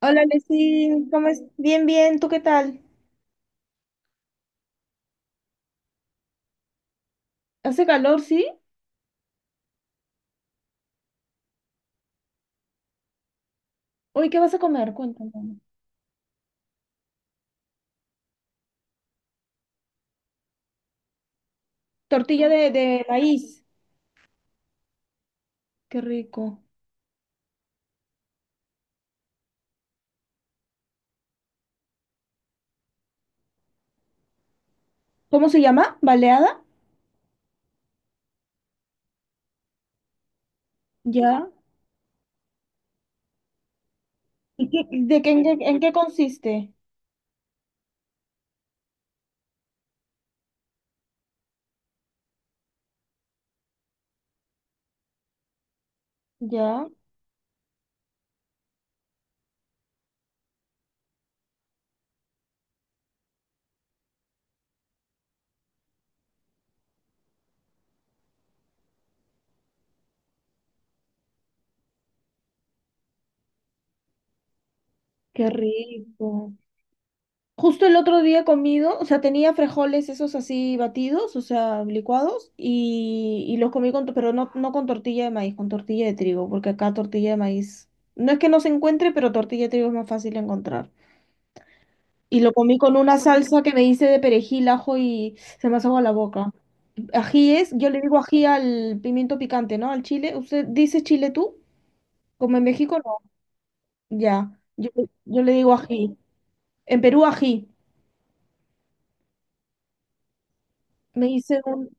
Hola, Leslie, ¿cómo es? Bien, bien, ¿tú qué tal? ¿Hace calor, sí? Hoy, ¿qué vas a comer? Cuéntame. Tortilla de maíz. Qué rico. ¿Cómo se llama? ¿Baleada? Ya. ¿Y qué, de qué, en qué consiste? Ya. Qué rico. Justo el otro día he comido, o sea, tenía frijoles esos así batidos, o sea, licuados, y los comí pero no, no con tortilla de maíz, con tortilla de trigo, porque acá tortilla de maíz, no es que no se encuentre, pero tortilla de trigo es más fácil de encontrar. Y lo comí con una salsa que me hice de perejil, ajo y se me hace agua la boca. Ají es, yo le digo ají al pimiento picante, ¿no? Al chile. ¿Usted dice chile tú? Como en México no. Ya. Yo le digo ají. En Perú ají. Me hice un...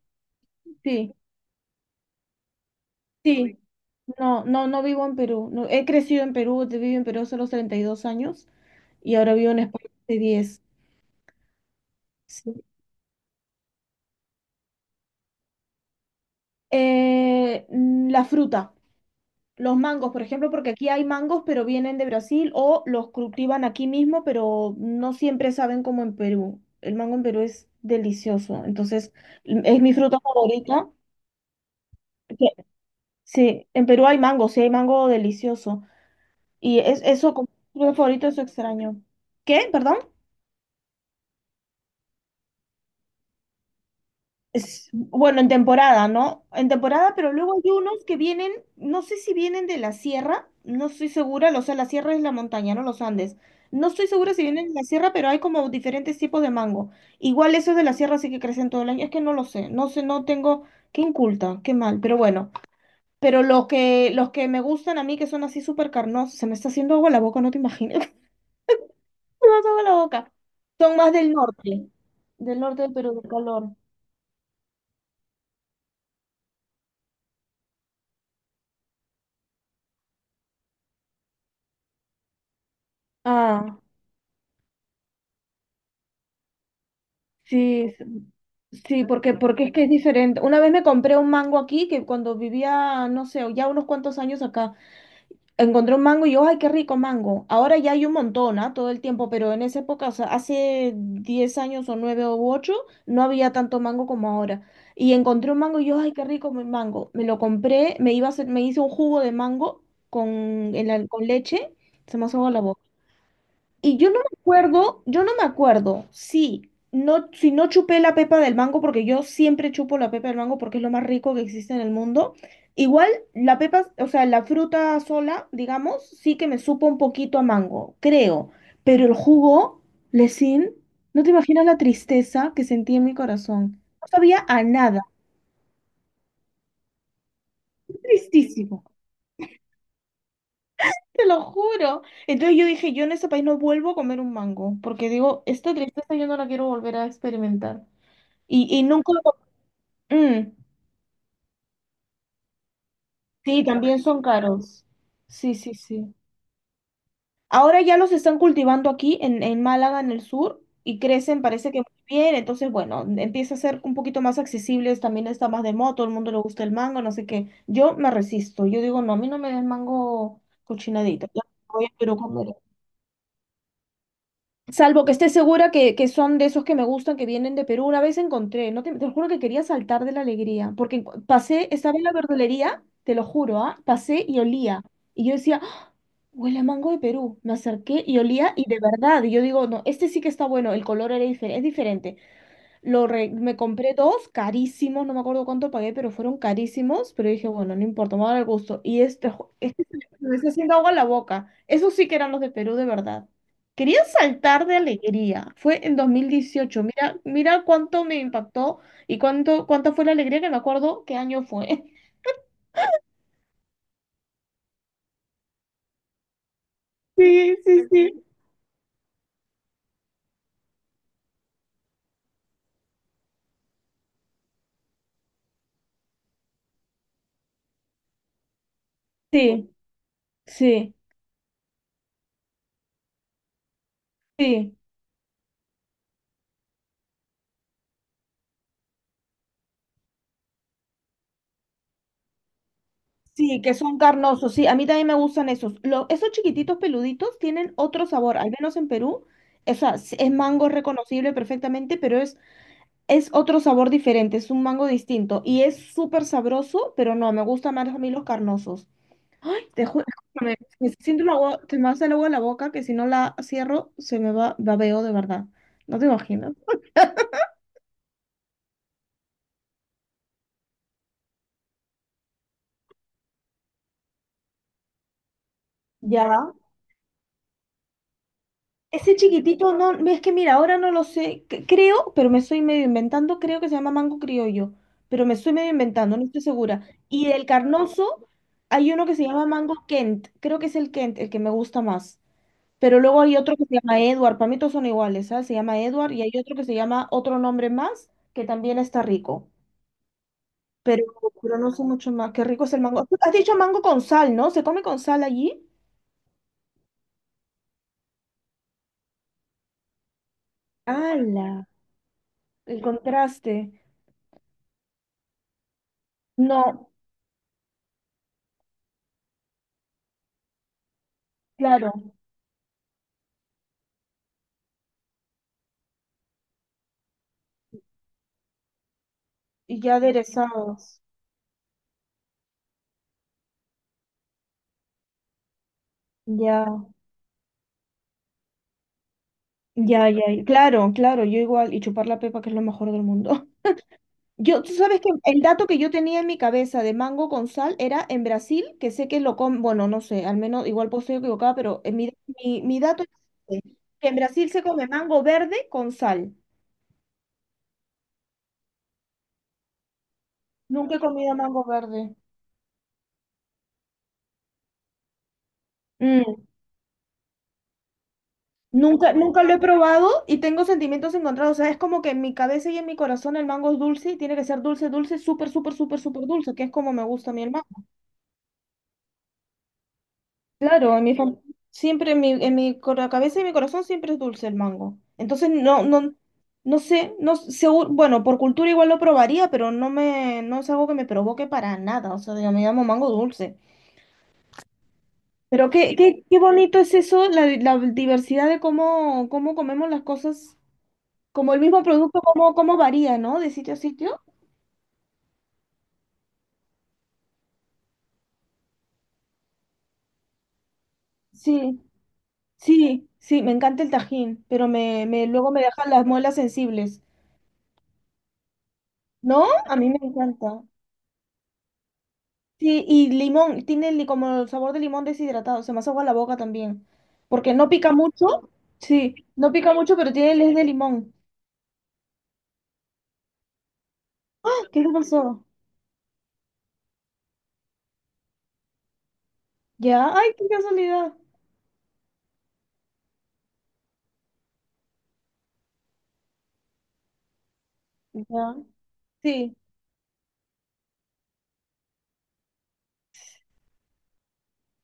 Sí, sí. No, no, no vivo en Perú. No, he crecido en Perú, te vivo en Perú hace los 32 años y ahora vivo en España hace 10. Sí. La fruta. Los mangos, por ejemplo, porque aquí hay mangos, pero vienen de Brasil o los cultivan aquí mismo, pero no siempre saben como en Perú. El mango en Perú es delicioso, entonces es mi fruta favorita. que- Sí, en Perú hay mango, sí hay mango delicioso. Y es eso como fruta favorito, eso extraño. ¿Qué? ¿Perdón? Bueno, en temporada, ¿no? En temporada, pero luego hay unos que vienen, no sé si vienen de la sierra, no estoy segura, o sea, la sierra es la montaña, no los Andes. No estoy segura si vienen de la sierra, pero hay como diferentes tipos de mango. Igual esos de la sierra sí que crecen todo el año, es que no lo sé, no tengo, qué inculta, qué mal, pero bueno. Pero los que me gustan a mí, que son así súper carnosos, se me está haciendo agua la boca, no te imaginas, me hace agua la boca. Son más del norte, del norte del Perú, del calor. Ah. Sí, sí, porque es que es diferente. Una vez me compré un mango aquí, que cuando vivía, no sé, ya unos cuantos años acá, encontré un mango y yo, ay, qué rico mango. Ahora ya hay un montón, ¿ah? Todo el tiempo, pero en esa época, o sea, hace 10 años o 9 u 8 no había tanto mango como ahora. Y encontré un mango y yo, ay, qué rico mi mango. Me lo compré, me iba a hacer, me hice un jugo de mango con leche, se me hace agua la boca. Y yo no me acuerdo, yo no me acuerdo si no chupé la pepa del mango, porque yo siempre chupo la pepa del mango porque es lo más rico que existe en el mundo. Igual la pepa, o sea, la fruta sola, digamos, sí que me supo un poquito a mango, creo. Pero el jugo, Lesin, no te imaginas la tristeza que sentí en mi corazón. No sabía a nada. Tristísimo. Te lo juro. Entonces yo dije, yo en ese país no vuelvo a comer un mango, porque digo, esta tristeza yo no la quiero volver a experimentar. Y nunca... Mm, sí, también son caros. Sí, sí, sí. Ahora ya los están cultivando aquí en Málaga, en el sur, y crecen, parece que muy bien. Entonces, bueno, empieza a ser un poquito más accesibles. También está más de moda, todo el mundo le gusta el mango, no sé qué. Yo me resisto. Yo digo, no, a mí no me des mango cochinadito. Ya voy a Perú a comer. Salvo que esté segura que son de esos que me gustan, que vienen de Perú. Una vez encontré, no te, te lo juro que quería saltar de la alegría, porque pasé, estaba en la verdulería, te lo juro, ¿ah? Pasé y olía. Y yo decía, "¡Ah! huele a mango de Perú. Me acerqué y olía y de verdad, y yo digo, no, este sí que está bueno, el color es diferente. Me compré dos carísimos, no me acuerdo cuánto pagué, pero fueron carísimos. Pero dije, bueno, no importa, me va a dar el gusto. Y este se me está haciendo agua en la boca. Esos sí que eran los de Perú, de verdad. Quería saltar de alegría. Fue en 2018. Mira, mira cuánto me impactó y cuánto, cuánta fue la alegría que me acuerdo qué año fue. Sí, sí, sí. Sí, sí, sí. Sí, que son carnosos. Sí, a mí también me gustan esos. Esos chiquititos peluditos tienen otro sabor, al menos en Perú. O sea, sí, es mango reconocible perfectamente, pero es otro sabor diferente, es un mango distinto. Y es súper sabroso, pero no, me gustan más a mí los carnosos. Ay, te juro, me siento la agua, te me hace el agua en la boca que si no la cierro se me va, babeo de verdad. ¿No te imaginas? Ya. Ese chiquitito, no, es que mira, ahora no lo sé, creo, pero me estoy medio inventando, creo que se llama mango criollo, pero me estoy medio inventando, no estoy segura. Y del carnoso hay uno que se llama mango Kent, creo que es el Kent, el que me gusta más. Pero luego hay otro que se llama Edward, para mí todos son iguales, ¿sabes? Se llama Edward y hay otro que se llama otro nombre más, que también está rico, pero, pero no sé mucho más, qué rico es el mango. Has dicho mango con sal, ¿no? ¿Se come con sal allí? ¡Hala! El contraste. No, claro. Y ya aderezados. Ya, ya, ya. Claro, claro, yo igual. Y chupar la pepa, que es lo mejor del mundo. Yo, tú sabes que el dato que yo tenía en mi cabeza de mango con sal era en Brasil, que sé que lo comen, bueno, no sé, al menos igual puedo estar equivocada, pero en mi dato es este, que en Brasil se come mango verde con sal. Nunca he comido mango verde. Mm, nunca lo he probado y tengo sentimientos encontrados. O sea, es como que en mi cabeza y en mi corazón el mango es dulce y tiene que ser dulce, dulce, súper, súper, súper, súper dulce, que es como me gusta a mí el. Claro, siempre en mi cabeza y mi corazón siempre es dulce el mango. Entonces no, no, no sé, no sé, bueno, por cultura igual lo probaría, pero no me, no es algo que me provoque para nada. O sea, digo, me llamo mango dulce. Pero qué bonito es eso, la diversidad de cómo comemos las cosas, como el mismo producto, cómo varía, ¿no? De sitio a sitio. Sí, sí, sí, me encanta el tajín, pero luego me dejan las muelas sensibles. ¿No? A mí me encanta. Sí, y limón, tiene como el sabor de limón deshidratado, se me hace agua la boca también. Porque no pica mucho, sí, no pica mucho, pero tiene el es de limón. ¡Ah! ¿Qué te pasó? ¿Ya? ¡Ay, qué casualidad! Ya, sí,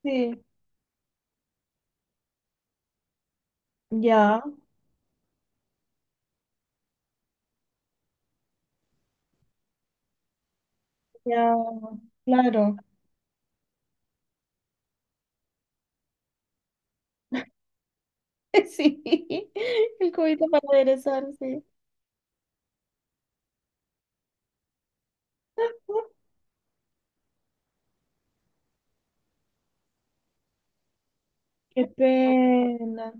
sí, ya, ya, claro. Sí, el cubito para aderezar, sí. Qué pena.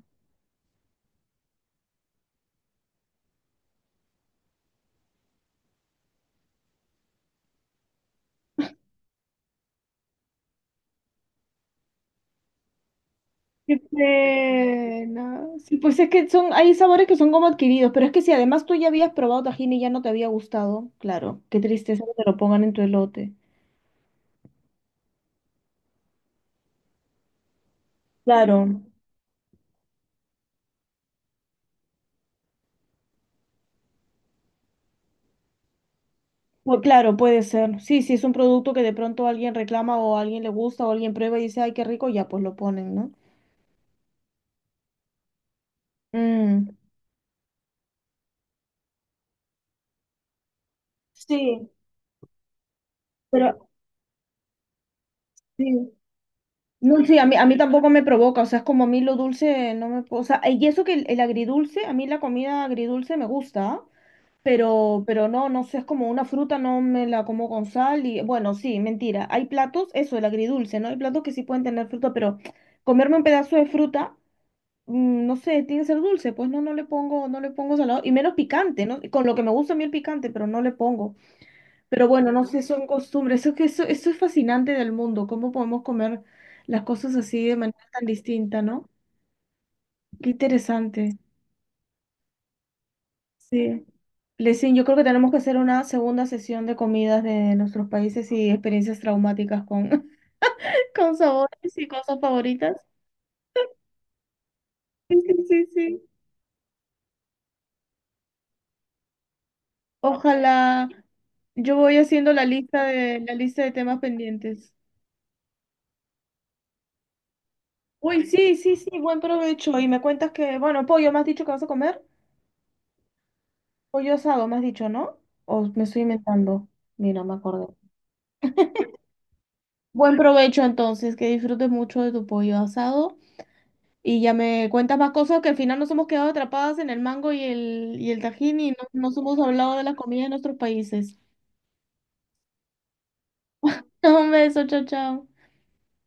Qué pena. Sí, pues es que son, hay sabores que son como adquiridos, pero es que si además tú ya habías probado tajín y ya no te había gustado, claro, qué tristeza que te lo pongan en tu elote. Claro, claro, puede ser. Sí, sí, es un producto que de pronto alguien reclama o a alguien le gusta o alguien prueba y dice, ay, qué rico, ya pues lo ponen, ¿no? Mm, sí, pero sí. No, sí, a mí, tampoco me provoca, o sea, es como a mí lo dulce no me... O sea, y eso que el agridulce, a mí la comida agridulce me gusta. Pero no, no sé, es como una fruta, no me la como con sal y bueno, sí, mentira. Hay platos, eso, el agridulce, ¿no? Hay platos que sí pueden tener fruta, pero comerme un pedazo de fruta, no sé, tiene que ser dulce, pues no, no le pongo salado y menos picante, ¿no? Con lo que me gusta a mí el picante, pero no le pongo. Pero bueno, no sé, son costumbres, eso es que eso es fascinante del mundo, cómo podemos comer las cosas así de manera tan distinta, ¿no? Qué interesante. Sí. Lesin, yo creo que tenemos que hacer una segunda sesión de comidas de nuestros países y experiencias traumáticas con, con sabores y cosas favoritas. Sí, sí, sí, sí. Ojalá. Yo voy haciendo la lista de temas pendientes. Uy, sí, sí, sí, buen provecho. Y me cuentas que, bueno, pollo, me has dicho que vas a comer. Pollo asado, me has dicho, ¿no? O me estoy inventando. Mira, me acordé. Buen provecho entonces, que disfrutes mucho de tu pollo asado. Y ya me cuentas más cosas que al final nos hemos quedado atrapadas en el mango y el tajín y no nos hemos hablado de la comida de nuestros países. Un beso, chao, chao.